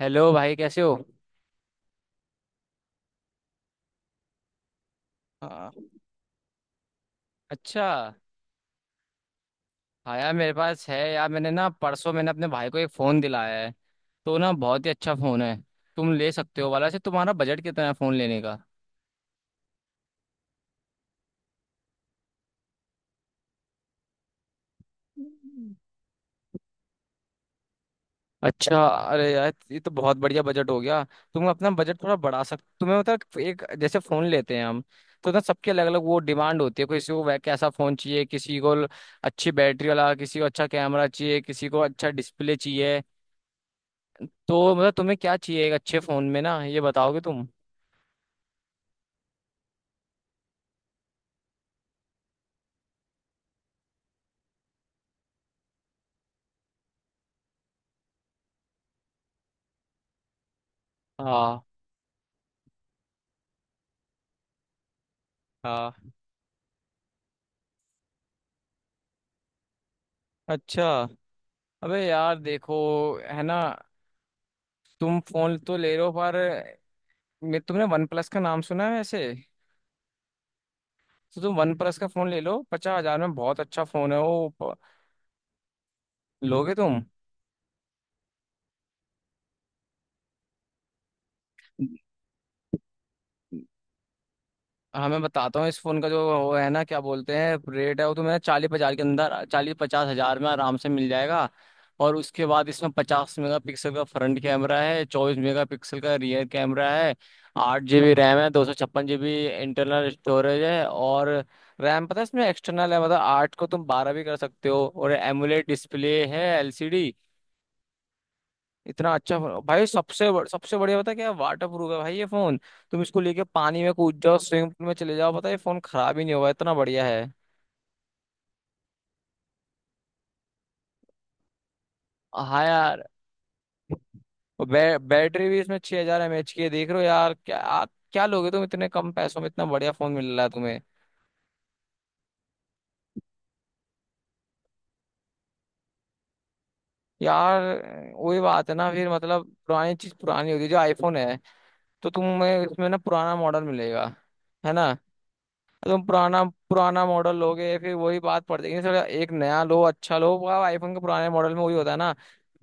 Hello भाई कैसे हो। हाँ। अच्छा। हाँ यार मेरे पास है यार मैंने ना परसों मैंने अपने भाई को एक फ़ोन दिलाया है, तो ना बहुत ही अच्छा फ़ोन है। तुम ले सकते हो वाला से। तुम्हारा बजट कितना है फ़ोन लेने का? अच्छा, अरे यार ये तो बहुत बढ़िया बजट हो गया। तुम अपना बजट थोड़ा बढ़ा सकते? तुम्हें मतलब एक जैसे फोन लेते हैं हम, तो ना सबके अलग अलग वो डिमांड होती है। किसी को कैसा फोन चाहिए, किसी को अच्छी बैटरी वाला, किसी को अच्छा कैमरा चाहिए, किसी को अच्छा डिस्प्ले चाहिए। तो मतलब तुम्हें क्या चाहिए एक अच्छे फोन में ना ये बताओगे तुम? हाँ। हाँ। अच्छा। अबे यार देखो, है ना, तुम फोन तो ले लो पर मैं तुमने वन प्लस का नाम सुना है वैसे? तो तुम वन प्लस का फोन ले लो, 50,000 में बहुत अच्छा फोन है वो। लोगे तुम? हाँ मैं बताता हूँ। इस फोन का जो वो है ना क्या बोलते हैं रेट है वो, तो मैं 40-50 के अंदर, 40-50,000 में आराम से मिल जाएगा। और उसके बाद इसमें 50 मेगापिक्सल का फ्रंट कैमरा है, 24 मेगापिक्सल का रियर कैमरा है, 8 GB रैम है, 256 GB इंटरनल स्टोरेज है। और रैम पता है इसमें एक्सटर्नल है, मतलब 8 को तुम 12 भी कर सकते हो। और एमुलेट डिस्प्ले है, एलसीडी। इतना अच्छा फोन भाई। सबसे बढ़िया पता है क्या? वाटर प्रूफ है भाई ये फोन। तुम इसको लेके पानी में कूद जाओ, स्विमिंग पूल में चले जाओ, पता है ये फोन खराब ही नहीं होगा, इतना बढ़िया है। हाँ यार। बैटरी भी इसमें 6000 हजार एम एच की है। देख रहे हो यार क्या? आप क्या लोगे तुम? इतने कम पैसों में इतना बढ़िया फोन मिल रहा है तुम्हें। यार वही बात है ना फिर, मतलब पुरानी चीज पुरानी होती है। जो आईफोन है तो तुम्हें इसमें ना पुराना मॉडल मिलेगा, है ना। तुम पुराना, पुराना मॉडल लोगे फिर वही बात पड़ जाएगी सर। एक नया लो, अच्छा लो। आईफोन के पुराने मॉडल में वही होता है ना,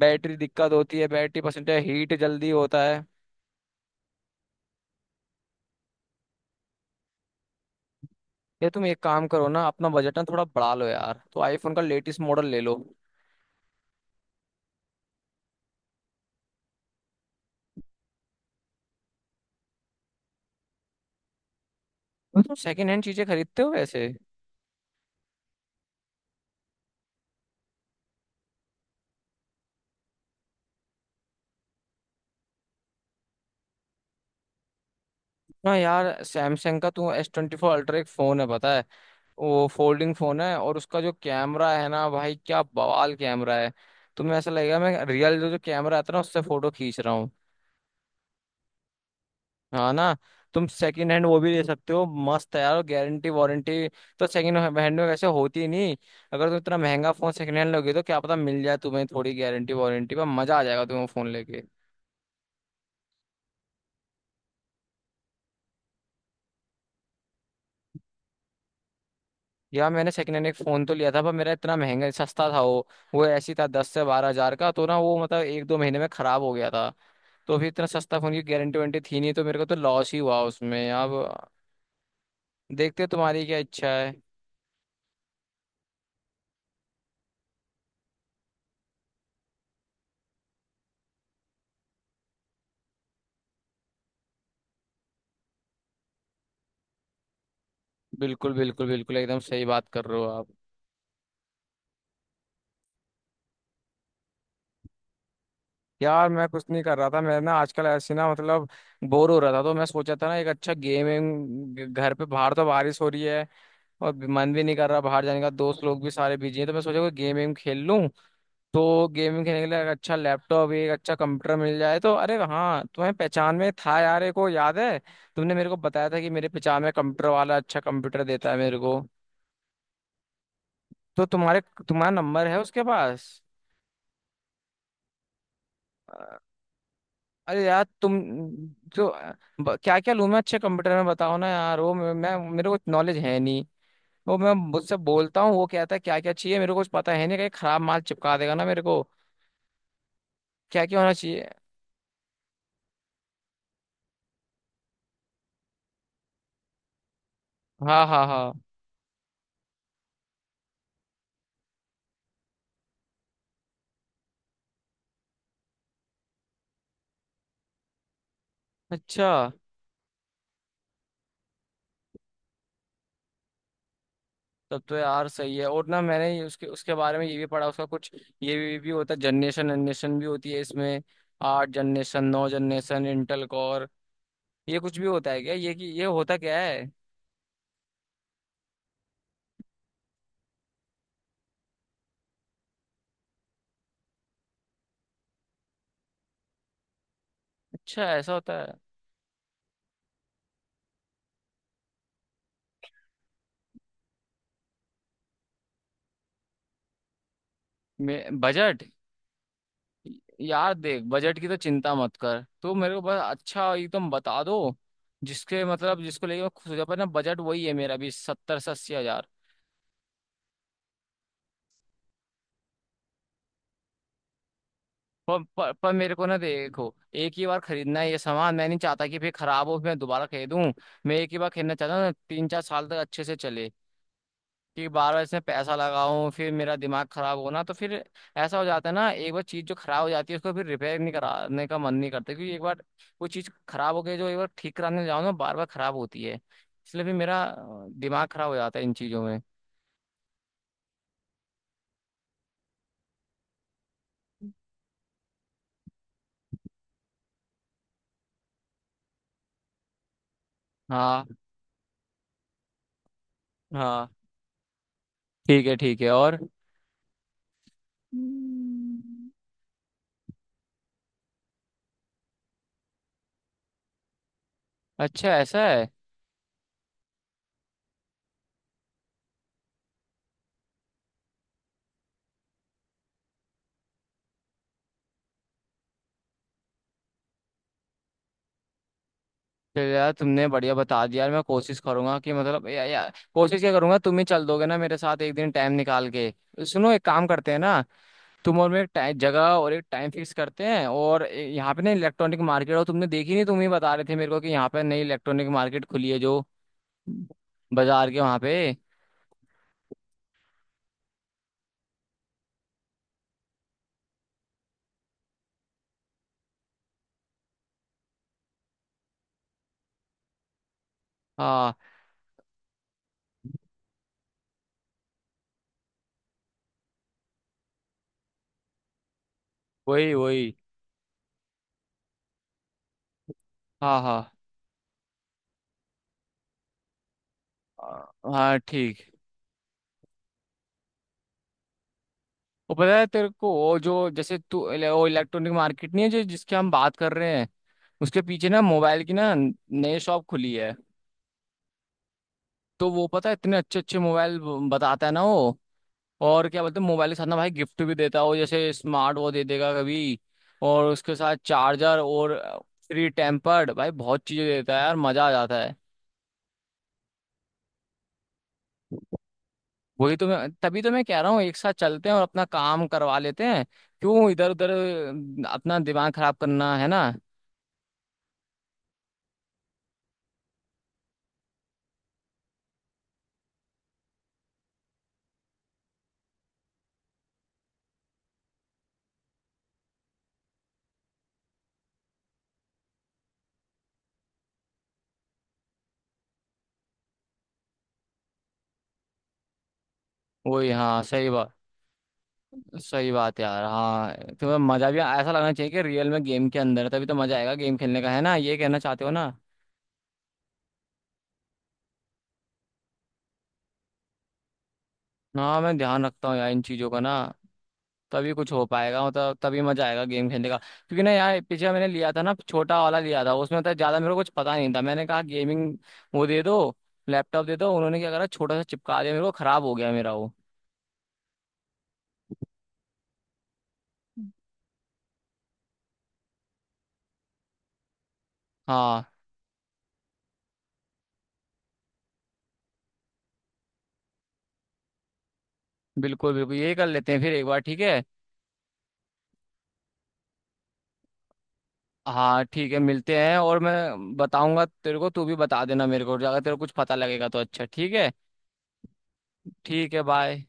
बैटरी दिक्कत होती है, बैटरी परसेंटेज हीट जल्दी होता है। ये तुम एक काम करो ना, अपना बजट ना थोड़ा बढ़ा लो यार, तो आईफोन का लेटेस्ट मॉडल ले लो। तो तुम सेकंड हैंड चीजें खरीदते हो वैसे? ना यार, सैमसंग का तू S24 Ultra एक फोन है पता है, वो फोल्डिंग फोन है, और उसका जो कैमरा है ना भाई क्या बवाल कैमरा है। तुम्हें ऐसा लगेगा मैं रियल जो जो कैमरा आता है ना उससे फोटो खींच रहा हूँ। हाँ ना। तुम सेकंड हैंड वो भी ले सकते हो, मस्त है यार। गारंटी वारंटी तो सेकंड हैंड में वैसे होती ही नहीं, अगर तुम इतना महंगा फोन सेकंड हैंड लोगे तो क्या पता मिल जाए तुम्हें थोड़ी गारंटी वारंटी, पर मजा आ जाएगा तुम्हें फोन लेके। यार मैंने सेकंड हैंड एक फोन तो लिया था, पर मेरा इतना महंगा सस्ता था वो। वो ऐसी था 10-12,000 का, तो ना वो मतलब 1-2 महीने में खराब हो गया था। तो फिर इतना सस्ता फोन की गारंटी वारंटी थी नहीं, तो मेरे को तो लॉस ही हुआ उसमें। अब देखते हैं तुम्हारी क्या इच्छा है। बिल्कुल बिल्कुल बिल्कुल, एकदम सही बात कर रहे हो आप। यार मैं कुछ नहीं कर रहा था। मैं ना आजकल ऐसे ना मतलब बोर हो रहा था, तो मैं सोचा था ना एक अच्छा गेमिंग घर पे, बाहर तो बारिश हो रही है और मन भी नहीं कर रहा बाहर जाने का, दोस्त लोग भी सारे बिजी हैं, तो मैं सोचा कोई गेम वेम खेल लूँ। तो गेमिंग खेलने के लिए एक अच्छा लैपटॉप, एक अच्छा कंप्यूटर मिल जाए तो, अरे हाँ तुम्हें पहचान में था यार एक, को याद है तुमने मेरे को बताया था कि मेरे पहचान में कंप्यूटर वाला अच्छा कंप्यूटर देता है मेरे को। तो तुम्हारे, तुम्हारा नंबर है उसके पास? अरे यार तुम, जो क्या क्या लूँ मैं अच्छे कंप्यूटर में बताओ ना यार। वो मैं मेरे को नॉलेज है नहीं। वो मैं मुझसे बोलता हूँ वो कहता है क्या क्या चाहिए, मेरे को कुछ पता है नहीं, कहीं खराब माल चिपका देगा ना मेरे को। क्या क्या होना चाहिए? हाँ हाँ हाँ। अच्छा। तब तो यार सही है। और ना मैंने ये उसके उसके बारे में ये भी पढ़ा उसका कुछ। ये भी होता है, जनरेशन जनरेशन भी होती है इसमें, 8 जनरेशन, 9 जनरेशन, इंटेल कोर। ये कुछ भी होता है क्या, ये कि ये होता क्या है? अच्छा ऐसा होता है। बजट? यार देख बजट की तो चिंता मत कर तू, मेरे को बस अच्छा एकदम बता दो जिसके मतलब जिसको लेके मैं खुश हो जाऊँ। पर ना बजट वही है मेरा भी, 70-80,000। पर मेरे को ना देखो, एक ही बार खरीदना है ये सामान। मैं नहीं चाहता कि फिर खराब हो फिर मैं दोबारा खरीदूं। मैं एक ही बार खरीदना चाहता हूँ, 3-4 साल तक अच्छे से चले। कि बार बार इसमें पैसा लगाऊं फिर मेरा दिमाग खराब होना, तो फिर ऐसा हो जाता है ना, एक बार चीज जो खराब हो जाती है उसको फिर रिपेयर नहीं कराने का मन नहीं करता। क्योंकि एक बार वो चीज खराब हो गई जो, एक बार ठीक कराने जाओ ना, बार बार खराब होती है। इसलिए भी मेरा दिमाग खराब हो जाता है इन चीजों में। हाँ। हाँ ठीक है, ठीक है। और? हम्म। अच्छा ऐसा है। चल यार, तुमने बढ़िया बता दिया। यार मैं कोशिश करूंगा कि मतलब या कोशिश क्या करूंगा, तुम ही चल दोगे ना मेरे साथ एक दिन टाइम निकाल के। सुनो एक काम करते हैं ना, तुम और मैं एक टाइम जगह और एक टाइम फिक्स करते हैं और यहाँ पे ना इलेक्ट्रॉनिक मार्केट, और तुमने देखी नहीं, तुम ही बता रहे थे मेरे को कि यहाँ पे नई इलेक्ट्रॉनिक मार्केट खुली है जो बाजार के वहाँ पे। हाँ। वही वही। हाँ हाँ। अ, हाँ ठीक। वो पता है तेरे को वो, जो जैसे तू वो इलेक्ट्रॉनिक मार्केट नहीं है जो जिसकी हम बात कर रहे हैं, उसके पीछे ना मोबाइल की ना नई शॉप खुली है। तो वो पता है इतने अच्छे अच्छे मोबाइल बताता है ना वो। और क्या बोलते हैं मोबाइल के साथ ना भाई गिफ्ट भी देता है वो, जैसे स्मार्ट वो दे देगा कभी, और उसके साथ चार्जर और फ्री टेम्पर्ड, भाई बहुत चीजें देता है यार, मजा आ जाता है। वही तो, मैं तभी तो मैं कह रहा हूँ एक साथ चलते हैं और अपना काम करवा लेते हैं। क्यों इधर उधर अपना दिमाग खराब करना है ना। वही, हाँ सही बात। सही बात यार। हाँ तो मजा भी ऐसा लगना चाहिए कि रियल में गेम के अंदर है, तभी तो मजा आएगा गेम खेलने का, है ना ये कहना चाहते हो ना। ना मैं ध्यान रखता हूँ यार इन चीज़ों का ना, तभी कुछ हो पाएगा, मतलब तभी मजा आएगा गेम खेलने का। क्योंकि ना यार पीछे मैंने लिया था ना, छोटा वाला लिया था, उसमें तो ज्यादा मेरे को कुछ पता नहीं था, मैंने कहा गेमिंग वो दे दो, लैपटॉप दे दो, उन्होंने क्या करा छोटा सा चिपका दिया मेरे को, खराब हो गया मेरा वो। हाँ बिल्कुल बिल्कुल, यही कर लेते हैं फिर एक बार, ठीक है। हाँ ठीक है, मिलते हैं, और मैं बताऊंगा तेरे को, तू भी बता देना मेरे को अगर तेरे को कुछ पता लगेगा तो, अच्छा ठीक है। ठीक है, बाय।